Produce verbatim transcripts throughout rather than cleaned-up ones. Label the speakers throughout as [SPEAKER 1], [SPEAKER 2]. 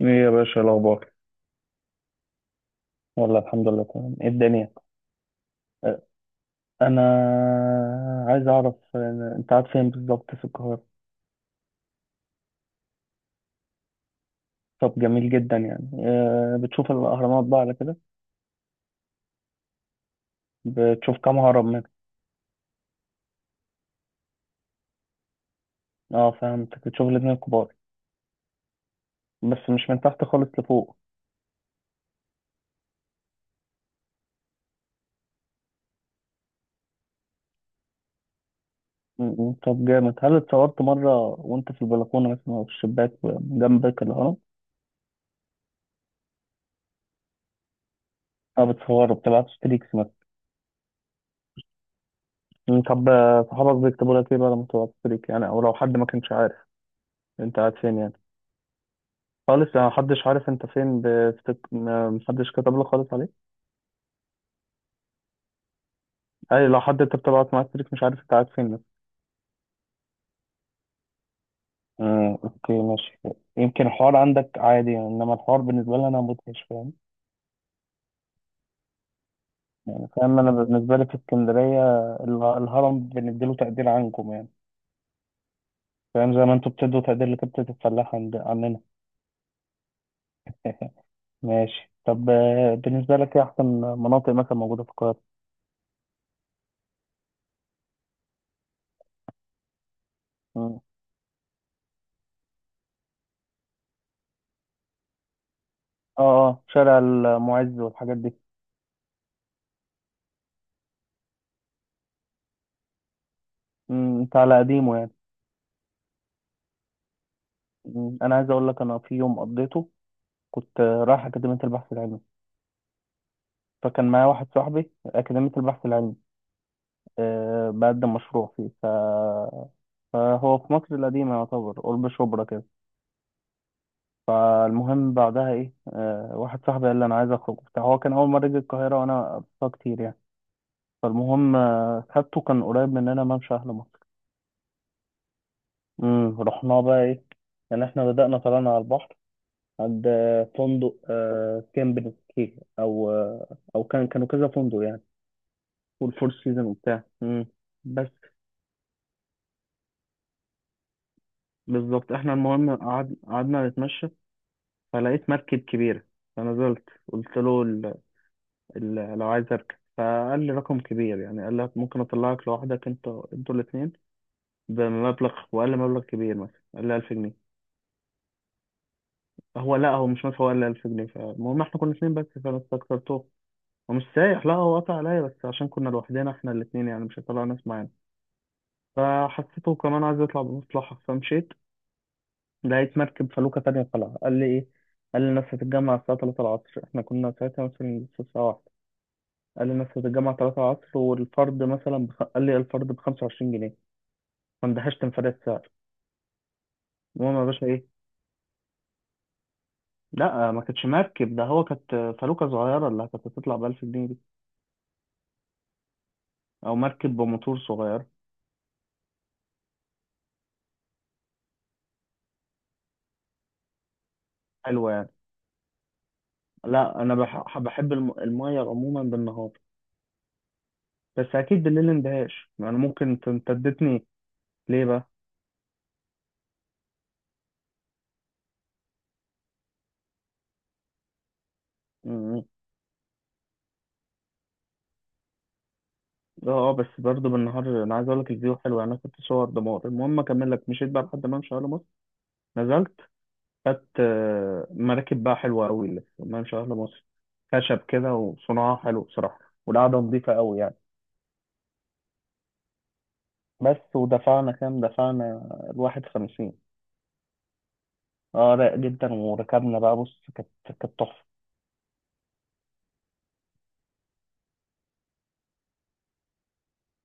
[SPEAKER 1] ايه يا باشا الاخبار؟ والله الحمد لله تمام. ايه الدنيا؟ أه، انا عايز اعرف أه، انت قاعد فين بالظبط في القاهره؟ طب جميل جدا يعني، أه، بتشوف الاهرامات بقى على كده؟ بتشوف كام هرم منها؟ اه، فهمتك، بتشوف الاتنين الكبار؟ بس مش من تحت خالص لفوق؟ م- م، طب جامد. هل اتصورت مره وانت في البلكونه مثلا او في الشباك جنبك الهرم؟ اه، بتصوروا، بتبعت ستريكس مثلا؟ م، طب أه، صحابك بيكتبوا لك ايه بقى لما تبعت ستريك يعني، او لو حد ما كانش عارف انت قاعد فين يعني؟ خالص، يعني محدش عارف انت فين بفتك... ما- محدش كتب لك خالص عليه؟ اي لو حد انت بتبعت معاه ستريك مش عارف انت قاعد فين مثلا؟ امم اوكي ماشي. يمكن الحوار عندك عادي يعني، انما الحوار بالنسبه لي انا مدهش فاهم. يعني فاهم، انا بالنسبه لي في اسكندريه اله- الهرم بنديله تقدير عنكم يعني. فاهم، زي ما انتوا بتدوا تقدير لكبتة الفلاح عند عننا. ماشي طب، آه، بالنسبه لك ايه احسن مناطق مثلا موجوده في القاهره؟ مم. اه، اه، شارع المعز والحاجات دي. مم، انت على قديمه يعني. مم. انا عايز اقول لك، انا في يوم قضيته كنت آه، رايح اكاديميه البحث العلمي. فكان معايا واحد صاحبي اكاديميه البحث العلمي. أه بقدم مشروع فيه، ف... فهو في مصر القديمه يعتبر قرب شبرا كده. فالمهم بعدها ايه، أه واحد صاحبي قال لي انا عايز اخرج وبتاع، هو كان اول مره يجي القاهره وانا قضيتها كتير يعني. فالمهم آه، خدته، كان قريب مننا ممشى اهل مصر. امم، رحنا بقى ايه، يعني احنا بدأنا طلعنا على البحر عند آه، فندق آه، كامب كي او، آه، او كان كانوا كذا فندق يعني، والفور سيزون وبتاع. مم. بس بالظبط احنا المهم قعد... قعدنا نتمشى، فلقيت مركب كبيرة. فنزلت قلت له ال... ال... لو عايز اركب، فقال لي رقم كبير يعني. قال لك ممكن اطلعك لوحدك، انت انتوا الاثنين بمبلغ، وقال لي مبلغ كبير، مثلا قال لي ألف جنيه. هو، لا هو مش مثلا، هو قال لي ألف جنيه. فالمهم احنا كنا اثنين بس، فانا استكترته، ومش سايح. لا، هو قطع عليا بس عشان كنا لوحدنا احنا الاثنين، يعني مش هيطلع ناس معانا. فحسيته كمان عايز يطلع بمصلحة، فمشيت، لقيت مركب فلوكة تانية طالعة. قال لي إيه؟ قال لي الناس هتتجمع الساعة تلاته العصر، إحنا كنا ساعتها مثلا لسه الساعة واحدة. قال لي الناس هتتجمع ثلاثة العصر، والفرد مثلا بخ... قال لي الفرد ب خمسة وعشرين جنيه. فاندهشت، انفلات سعر. المهم يا باشا إيه. لا ما كانتش مركب، ده هو كانت فلوكة صغيرة اللي كانت هتطلع ب ألف جنيه دي، أو مركب بموتور صغير. حلوة يعني. لا، أنا بح... بحب الم... المية عموما بالنهار، بس أكيد بالليل اندهاش يعني، ممكن تمتدتني. ليه بقى؟ اه آه، بس برضه بالنهار انا عايز اقول لك الفيو حلو يعني. انا كنت صور دمار. المهم اكمل لك، مشيت بقى لحد ممشى اهل مصر، نزلت، خدت آه، مراكب بقى حلوه قوي اللي في ممشى اهل مصر. خشب كده وصناعه حلو بصراحه، والقعده نظيفه قوي يعني. بس ودفعنا كام، دفعنا الواحد خمسين. اه، رايق جدا، وركبنا بقى. بص، كانت كانت تحفه.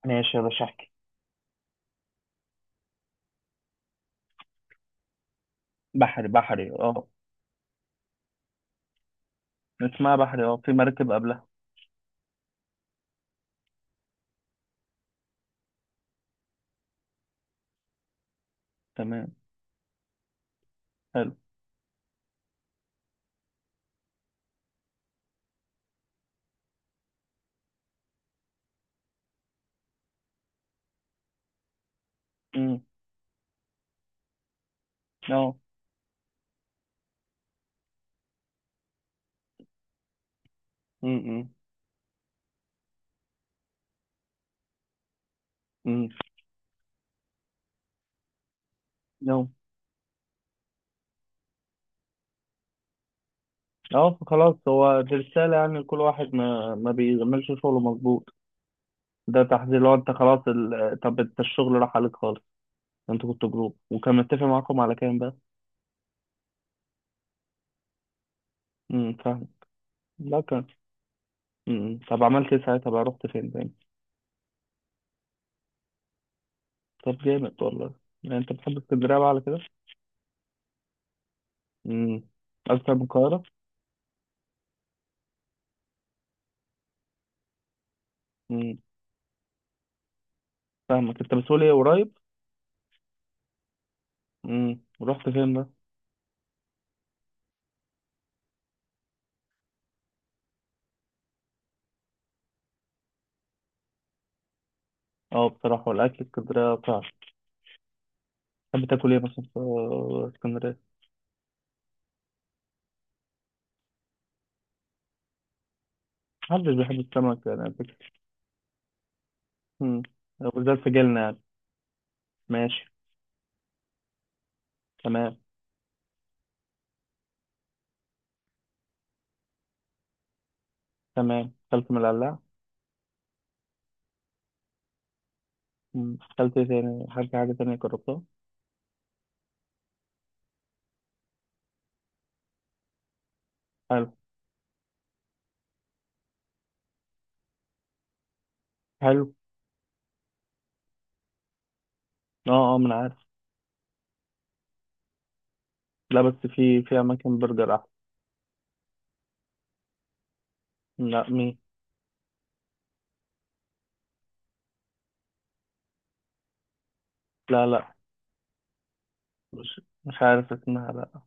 [SPEAKER 1] ماشي يا باشا احكي. بحري، بحري اه. اسمها بحري، اه، في مراكب قبلها. تمام. حلو. امم. اه. امم. امم. اه. خلاص، هو دي رسالة يعني لكل واحد ما ما بيعملش شغله مظبوط. ده تحذير، لو انت خلاص ال... طب انت الشغل راح عليك خالص. انتوا كنتوا جروب، وكان متفق معاكم على كام بقى؟ امم، فاهم. لا كان. امم، طب عملت ايه ساعتها بقى، رحت فين تاني؟ طب جامد والله. يعني انت بتحب اسكندرية بقى على كده. امم، اكتر من القاهرة؟ امم، فاهمك. انت بتقول ايه قريب؟ امم، رحت فين بقى؟ اه بصراحة، والاكل في اسكندرية بتاع. تحب تاكل ايه مثلا في اسكندرية؟ محدش بيحب السمك يعني. مم. وزاد في جيلنا يعني. ماشي. تمام، تمام. أكلت من القلاع؟ مم. أكلت إيه تاني، حاجة حاجة تانية جربتها؟ حلو. حلو. اه، اه، من عارف. لا بس، في في أماكن برجر أحسن. لا، مين؟ لا، لا، مش مش عارف اسمها، لا.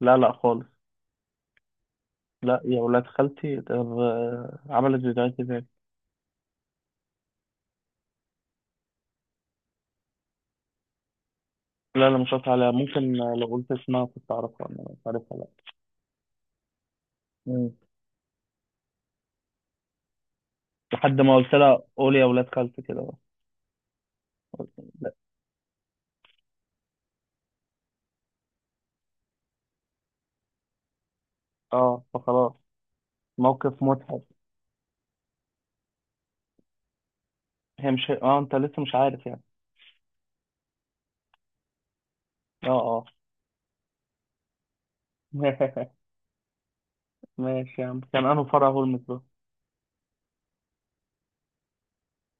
[SPEAKER 1] لا، لا، خالص. لا، يا ولاد خالتي. طب آه، عملت فيديوهات ازاي؟ لا، لا، مش قصدي عليها. ممكن آه، لو قلت اسمها كنت أعرفها. أنا مش عارفها، لا. مم. لحد ما قلت لها قول يا ولاد خالتي كده. بس. لا. اه، فخلاص. موقف مضحك. هي مش اه، انت لسه مش عارف يعني؟ اه، اه. ماشي يا عم. كان انه فرع هو المترو.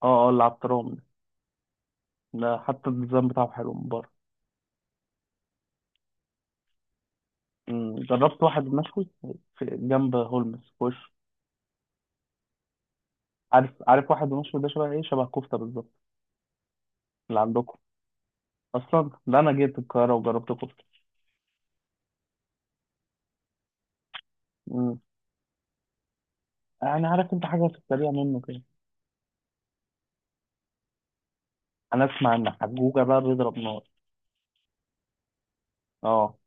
[SPEAKER 1] اه، اه، اللي على الترام. ده حتى الديزاين بتاعه حلو من بره. أمم، جربت واحد مشوي في جنب هولمز في وش؟ عارف، عارف. واحد مشوي ده شبه ايه، شبه كفته بالظبط اللي عندكم. اصلا ده انا جيت القاهره وجربت كفته. أمم، يعني عارف، انت حاجه في السريع منه كده. انا اسمع ان حجوجه بقى بيضرب نار. اه.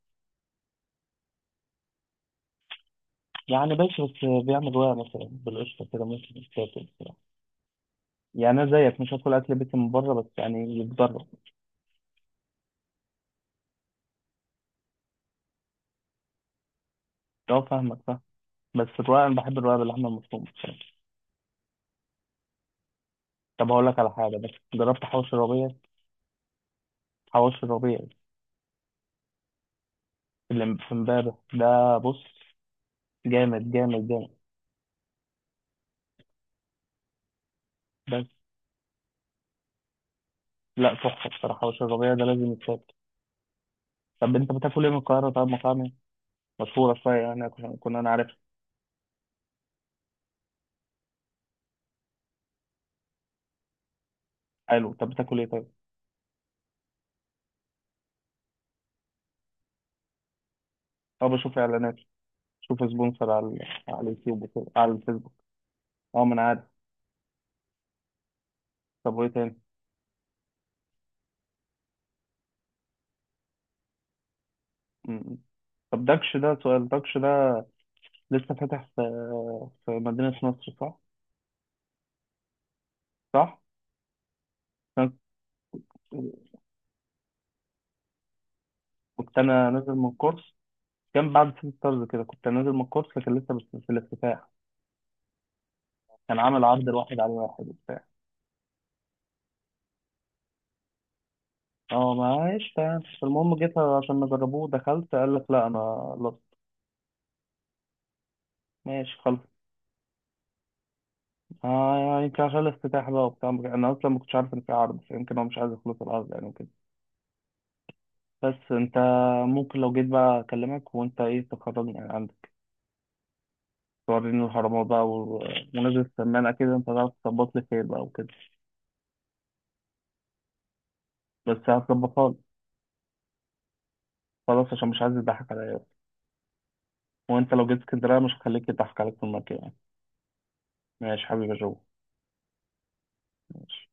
[SPEAKER 1] يعني بس بس بيعمل رواية مثلا بالقشطه كده ممكن يتاكل. يعني انا زيك مش هدخل اكل بيتي من بره، بس يعني يتجرب. اه فاهمك، فاهم. بس الرقاق انا بحب الرقاق باللحمه المفرومه بصراحة. طب هقول لك على حاجه، بس جربت حواوشي الربيع؟ حواوشي الربيع اللي في امبابه ده، بص، جامد جامد جامد. بس لا، تحفه بصراحه. حواوشي الربيع ده لازم يتاكل. طب انت بتاكل ايه من القاهره، طب مطاعم إيه مشهوره شويه يعني؟ كنا كنا انا عارف. حلو. طب بتاكل ايه طيب؟ اه، بشوف اعلانات، بشوف سبونسر على على اليوتيوب وكده، على الفيسبوك. اه، ما انا عارف. طب وايه تاني؟ م- م. طب دكش ده، سؤال دكش ده لسه فاتح في في مدينة نصر صح؟ صح؟ كنت، كنت أنا نازل من كورس. كان بعد سيتي ستارز كده، كنت نازل من كورس، لكن لسه بس في الافتتاح. كان عامل عرض الواحد على واحد وبتاع. اه معلش، تمام. المهم جيت عشان نجربوه، دخلت، قال لك لا أنا. لا ماشي، خلص. اه، يعني يمكن عشان الافتتاح بقى وبتاع، أنا أصلا ما كنتش عارف إن في عرض، فيمكن هو مش عايز يخلص العرض يعني وكده. بس أنت ممكن، لو جيت بقى أكلمك، وأنت إيه تخرجني يعني عندك. توريني الحرامية بقى و- ونزل السمان. أكيد أنت هتعرف تظبط لي خير بقى وكده. بس هتظبطها لي. خلاص عشان مش عايز يضحك عليا. وأنت لو جيت اسكندرية، مش هخليك يضحك عليك في المكان يعني. ماشي حبيبي يا جو. ماشي